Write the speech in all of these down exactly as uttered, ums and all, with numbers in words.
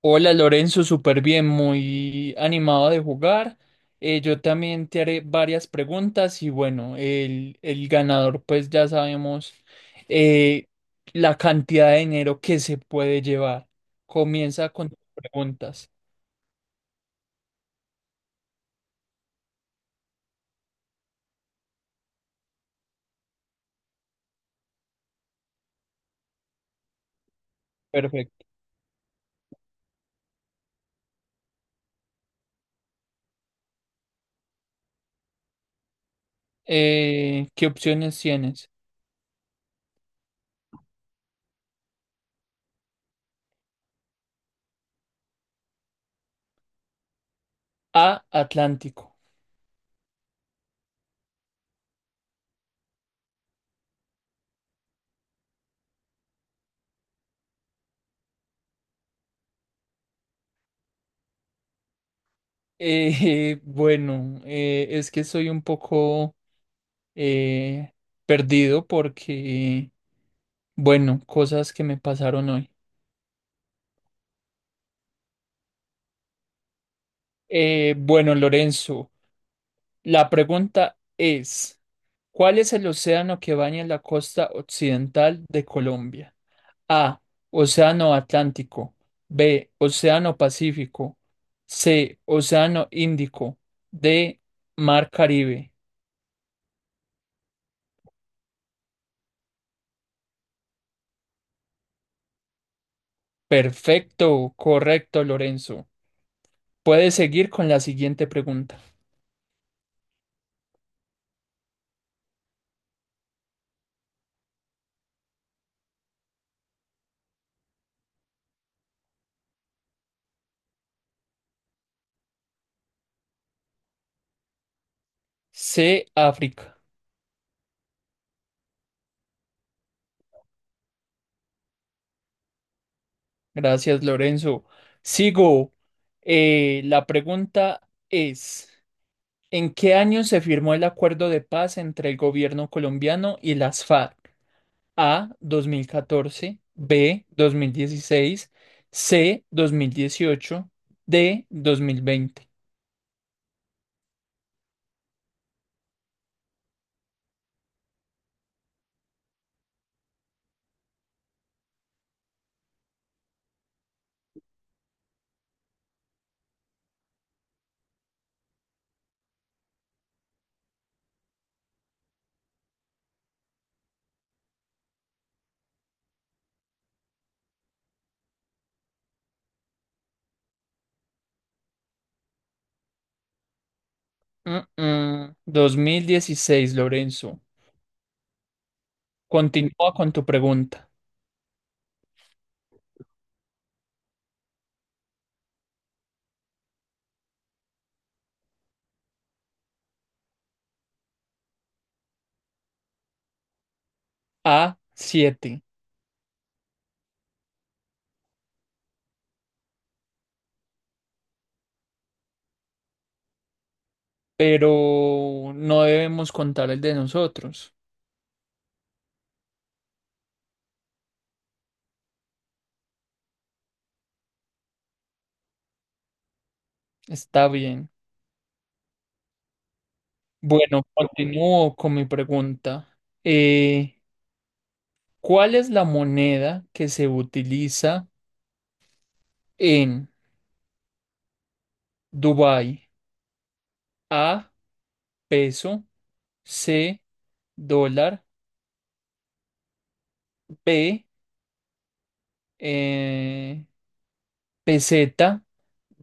Hola Lorenzo, súper bien, muy animado de jugar. Eh, yo también te haré varias preguntas y bueno, el, el ganador pues ya sabemos eh, la cantidad de dinero que se puede llevar. Comienza con tus preguntas. Perfecto. Eh, ¿qué opciones tienes? A, Atlántico. Eh, bueno, eh, es que soy un poco eh, perdido porque, bueno, cosas que me pasaron hoy. Eh, bueno, Lorenzo, la pregunta es, ¿cuál es el océano que baña la costa occidental de Colombia? A, Océano Atlántico, B, Océano Pacífico, C, Océano Índico, D, Mar Caribe. Perfecto, correcto, Lorenzo. Puedes seguir con la siguiente pregunta. C, África. Gracias, Lorenzo. Sigo. Eh, la pregunta es ¿en qué año se firmó el acuerdo de paz entre el gobierno colombiano y las FARC? A. dos mil catorce, B. dos mil dieciséis, C. dos mil dieciocho, D. dos mil veinte. Mm, mm, dos mil dieciséis, Lorenzo. Continúa con tu pregunta. A. siete. Pero no debemos contar el de nosotros. Está bien. Bueno, continúo con mi pregunta. Eh, ¿cuál es la moneda que se utiliza en Dubái? A, peso, C, dólar, B, eh, peseta,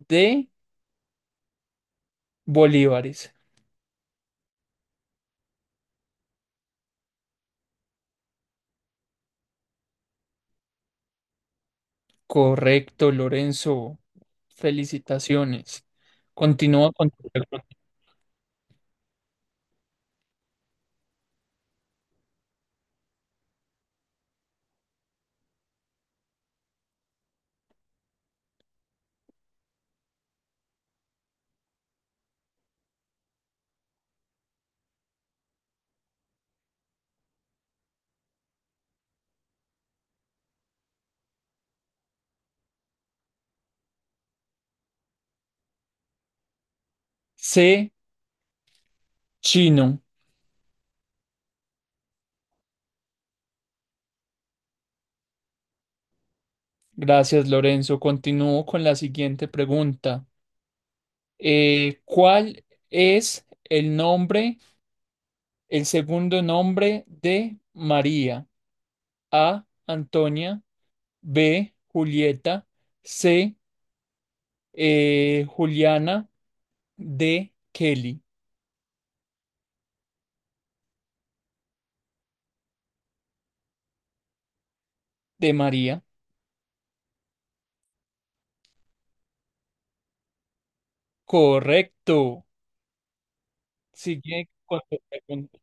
D, bolívares. Correcto, Lorenzo. Felicitaciones. Continúa con tu pregunta. C, chino. Gracias, Lorenzo. Continúo con la siguiente pregunta. Eh, ¿cuál es el nombre, el segundo nombre de María? A. Antonia. B. Julieta. C. eh, Juliana. D. Kelly. De María. Correcto. Sigue con tu pregunta.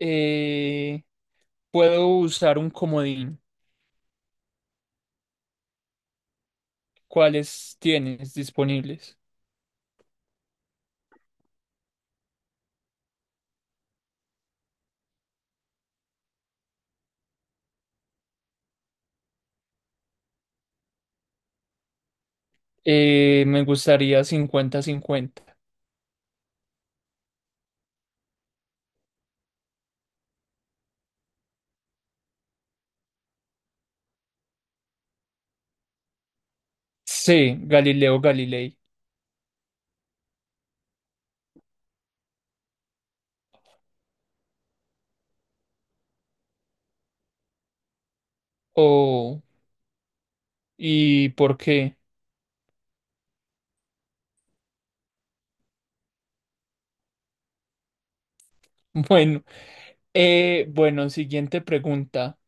Eh, puedo usar un comodín. ¿Cuáles tienes disponibles? Eh, me gustaría cincuenta-cincuenta. C. Galileo Galilei. Oh, ¿y por qué? Bueno, eh, bueno, siguiente pregunta.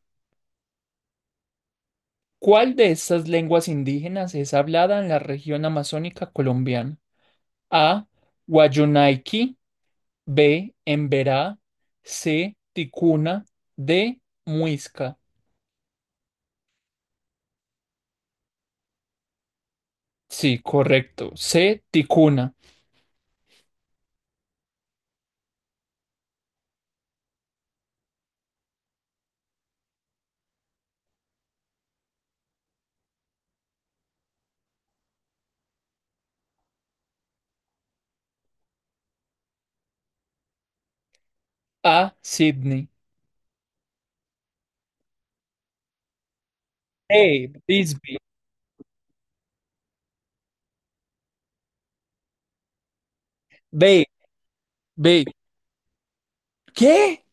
¿Cuál de estas lenguas indígenas es hablada en la región amazónica colombiana? A. Guayunaiki, B. Emberá, C. Ticuna, D. Muisca. Sí, correcto. C. Ticuna. A. Sydney. B. Bisbee. B. B. ¿Qué?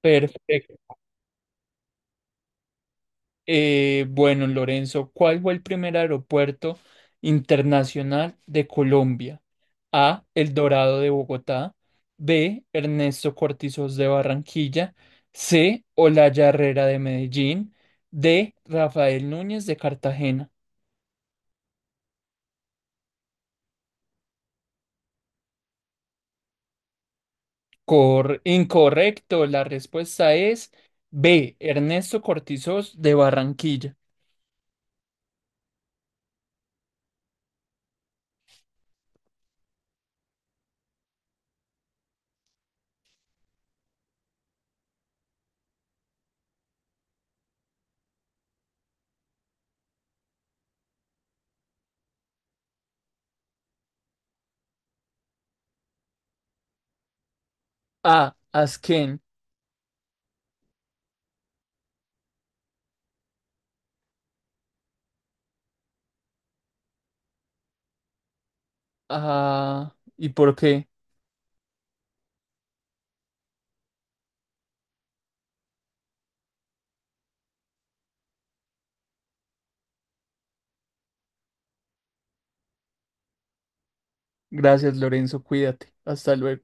Perfecto. Eh, bueno, Lorenzo, ¿cuál fue el primer aeropuerto internacional de Colombia? A. El Dorado de Bogotá. B. Ernesto Cortizos de Barranquilla. C. Olaya Herrera de Medellín. D. Rafael Núñez de Cartagena. Cor- incorrecto, la respuesta es B. Ernesto Cortizos de Barranquilla. A. Asquén. Ah, ¿y por qué? Gracias, Lorenzo, cuídate. Hasta luego.